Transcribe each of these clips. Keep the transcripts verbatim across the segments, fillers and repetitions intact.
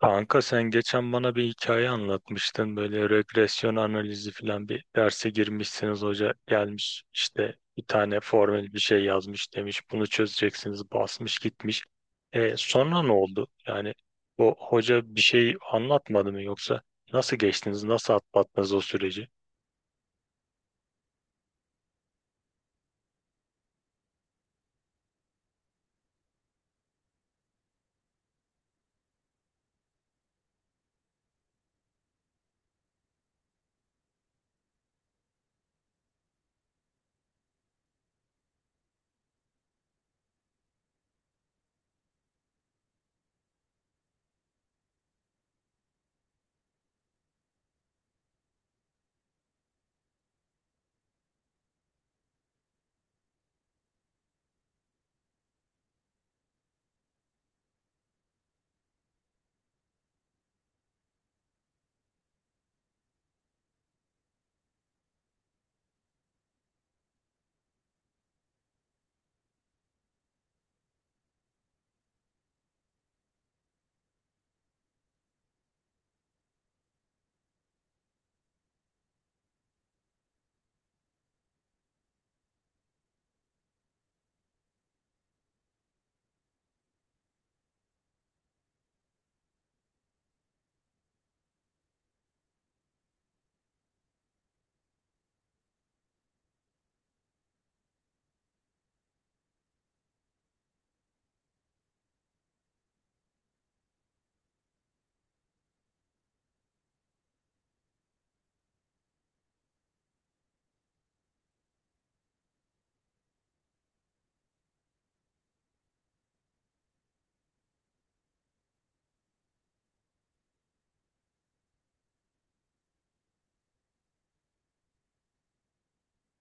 Kanka sen geçen bana bir hikaye anlatmıştın. Böyle regresyon analizi falan bir derse girmişsiniz. Hoca gelmiş işte bir tane formül bir şey yazmış demiş. Bunu çözeceksiniz basmış gitmiş. E, sonra ne oldu? Yani o hoca bir şey anlatmadı mı yoksa nasıl geçtiniz? Nasıl atlattınız o süreci?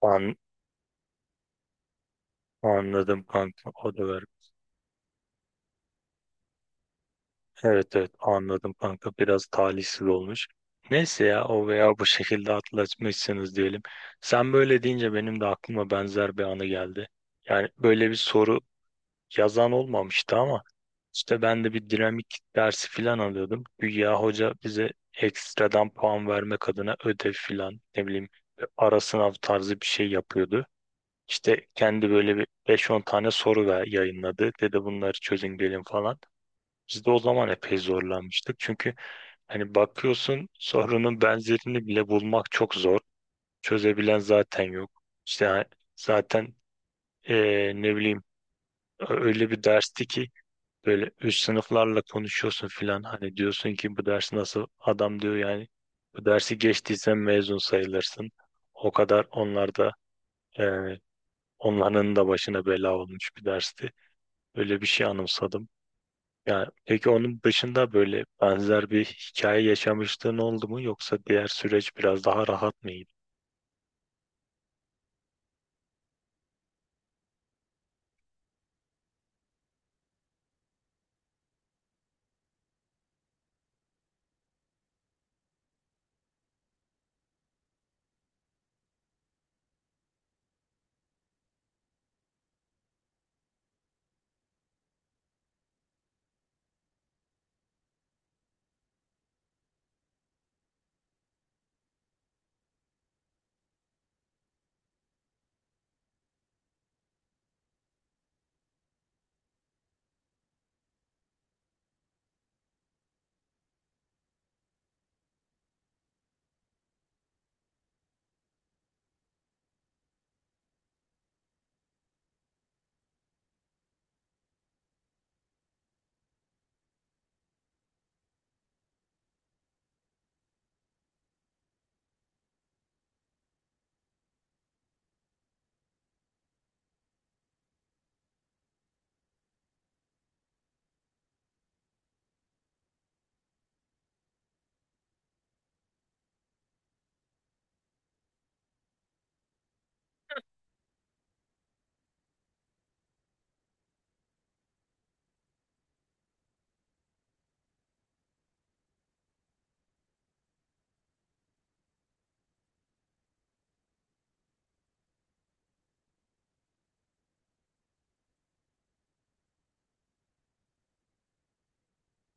An Anladım kanka, o da var. Evet, evet, anladım kanka, biraz talihsiz olmuş. Neyse ya, o veya bu şekilde atlatmışsınız diyelim. Sen böyle deyince benim de aklıma benzer bir anı geldi. Yani böyle bir soru yazan olmamıştı ama işte ben de bir dinamik dersi falan alıyordum. Güya hoca bize ekstradan puan vermek adına ödev falan, ne bileyim, ara sınav tarzı bir şey yapıyordu. İşte kendi böyle bir beş on tane soru ver, yayınladı. Dedi bunları çözün gelin falan. Biz de o zaman epey zorlanmıştık. Çünkü hani bakıyorsun sorunun benzerini bile bulmak çok zor. Çözebilen zaten yok. İşte ha- zaten, eee, ne bileyim, öyle bir dersti ki böyle üst sınıflarla konuşuyorsun filan. Hani diyorsun ki bu dersi nasıl, adam diyor yani bu dersi geçtiysen mezun sayılırsın. O kadar onlar da, eee, onların da başına bela olmuş bir dersti. Öyle bir şey anımsadım. Yani peki onun dışında böyle benzer bir hikaye yaşamışlığın oldu mu yoksa diğer süreç biraz daha rahat mıydı?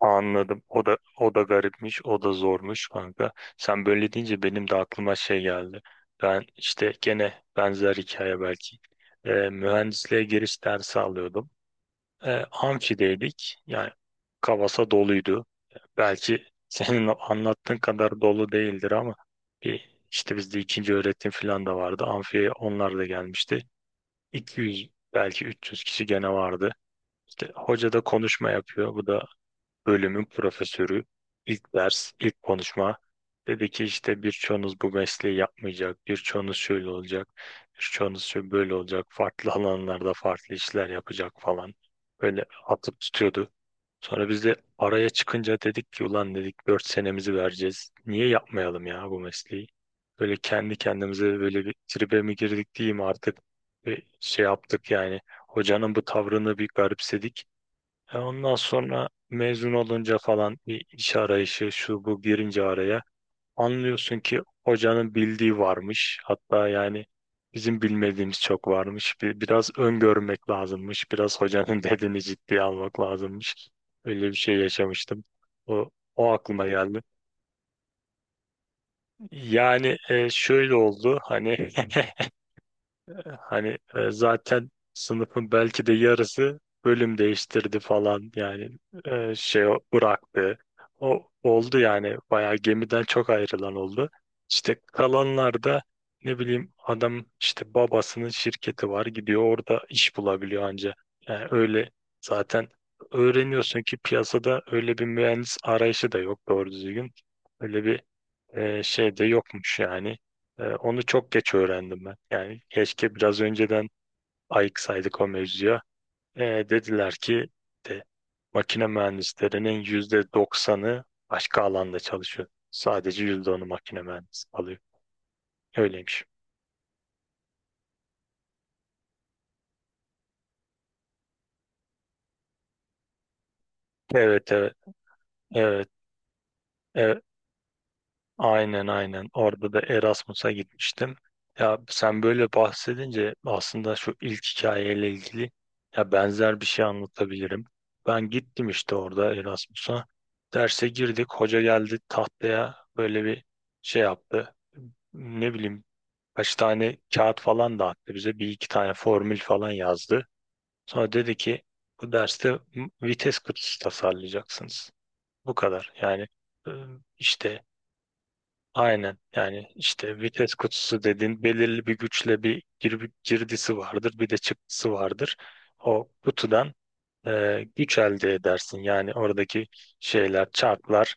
Anladım. O da o da garipmiş, o da zormuş kanka. Sen böyle deyince benim de aklıma şey geldi. Ben işte gene benzer hikaye belki. Ee, mühendisliğe giriş dersi alıyordum. Ee, amfideydik. Yani kavasa doluydu. Belki senin anlattığın kadar dolu değildir ama bir işte bizde ikinci öğretim falan da vardı. Amfiye onlar da gelmişti. iki yüz belki üç yüz kişi gene vardı. İşte hoca da konuşma yapıyor. Bu da bölümün profesörü. İlk ders, ilk konuşma. Dedi ki işte birçoğunuz bu mesleği yapmayacak, birçoğunuz şöyle olacak, birçoğunuz şöyle böyle olacak, farklı alanlarda farklı işler yapacak falan. Böyle atıp tutuyordu. Sonra biz de araya çıkınca dedik ki ulan dedik dört senemizi vereceğiz. Niye yapmayalım ya bu mesleği? Böyle kendi kendimize böyle bir tribe mi girdik diyeyim artık. Bir şey yaptık yani. Hocanın bu tavrını bir garipsedik. E ondan sonra mezun olunca falan bir iş arayışı şu bu girince araya, anlıyorsun ki hocanın bildiği varmış. Hatta yani bizim bilmediğimiz çok varmış. Bir, biraz öngörmek lazımmış. Biraz hocanın dediğini ciddiye almak lazımmış. Öyle bir şey yaşamıştım. O, o aklıma geldi. Yani e, şöyle oldu hani Hani e, zaten sınıfın belki de yarısı bölüm değiştirdi falan yani, e, şey o- bıraktı. O oldu yani bayağı gemiden çok ayrılan oldu. İşte kalanlar da, ne bileyim, adam işte babasının şirketi var, gidiyor orada iş bulabiliyor anca. Yani öyle, zaten öğreniyorsun ki piyasada öyle bir mühendis arayışı da yok doğru düzgün. Öyle bir e, şey de yokmuş yani. Ee, onu çok geç öğrendim ben. Yani keşke biraz önceden ayıksaydık o mevzuya. Ee, dediler ki de, makine mühendislerinin yüzde doksanı başka alanda çalışıyor. Sadece yüzde onu makine mühendisi alıyor. Öyleymiş. Evet, evet, evet, evet. Aynen, aynen. Orada da Erasmus'a gitmiştim. Ya sen böyle bahsedince aslında şu ilk hikayeyle ilgili ya benzer bir şey anlatabilirim. Ben gittim işte orada Erasmus'a. Derse girdik. Hoca geldi tahtaya böyle bir şey yaptı. Ne bileyim, kaç tane kağıt falan dağıttı bize. Bir iki tane formül falan yazdı. Sonra dedi ki bu derste vites kutusu tasarlayacaksınız. Bu kadar. Yani e, işte Aynen, yani işte vites kutusu dediğin belirli bir güçle bir gir- girdisi vardır bir de çıktısı vardır. O kutudan e, güç elde edersin, yani oradaki şeyler, çarklar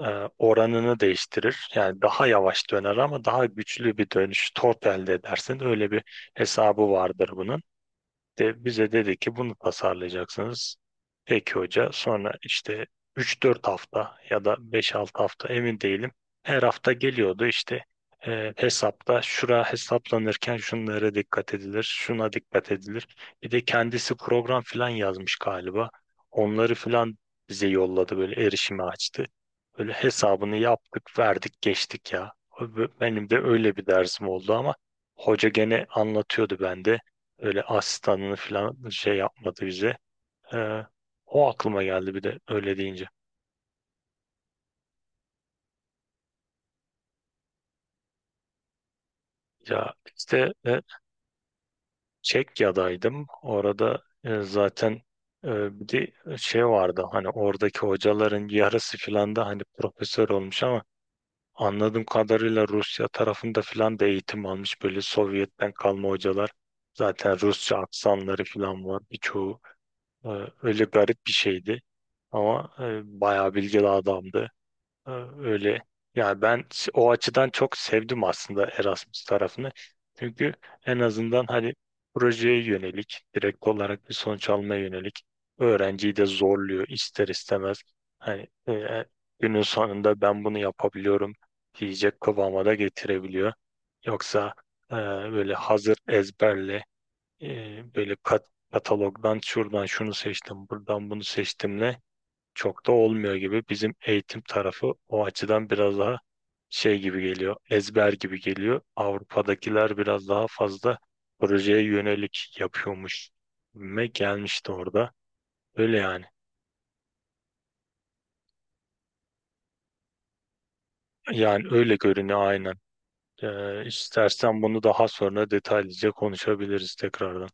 e, oranını değiştirir. Yani daha yavaş döner ama daha güçlü bir dönüş tork elde edersin, öyle bir hesabı vardır bunun. De bize dedi ki bunu tasarlayacaksınız. Peki hoca. Sonra işte üç dört hafta ya da beş altı hafta, emin değilim. Her hafta geliyordu işte, e, hesapta şura hesaplanırken şunlara dikkat edilir, şuna dikkat edilir. Bir de kendisi program falan yazmış galiba. Onları falan bize yolladı, böyle erişimi açtı. Böyle hesabını yaptık, verdik, geçtik ya. Benim de öyle bir dersim oldu ama hoca gene anlatıyordu bende. Öyle asistanını falan şey yapmadı bize. Ee, O aklıma geldi bir de öyle deyince. Ya işte e, Çekya'daydım. Orada e, zaten e, bir de şey vardı, hani oradaki hocaların yarısı filan da hani profesör olmuş ama anladığım kadarıyla Rusya tarafında filan da eğitim almış böyle Sovyet'ten kalma hocalar. Zaten Rusça aksanları filan var birçoğu. E, Öyle garip bir şeydi ama e, bayağı bilgili adamdı. Ee, Öyle. Yani ben s- o açıdan çok sevdim aslında Erasmus tarafını. Çünkü en azından hani projeye yönelik, direkt olarak bir sonuç almaya yönelik, öğrenciyi de zorluyor ister istemez. Hani e, e, günün sonunda ben bunu yapabiliyorum diyecek kıvama da getirebiliyor. Yoksa e, böyle hazır ezberle, e, böyle kat, katalogdan şuradan şunu seçtim, buradan bunu seçtimle çok da olmuyor gibi. Bizim eğitim tarafı o açıdan biraz daha şey gibi geliyor, ezber gibi geliyor. Avrupa'dakiler biraz daha fazla projeye yönelik yapıyormuş. Ve gelmişti orada. Öyle yani. Yani öyle görünüyor, aynen. Ee, istersen bunu daha sonra detaylıca konuşabiliriz tekrardan.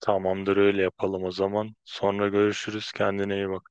Tamamdır, öyle yapalım o zaman. Sonra görüşürüz. Kendine iyi bak.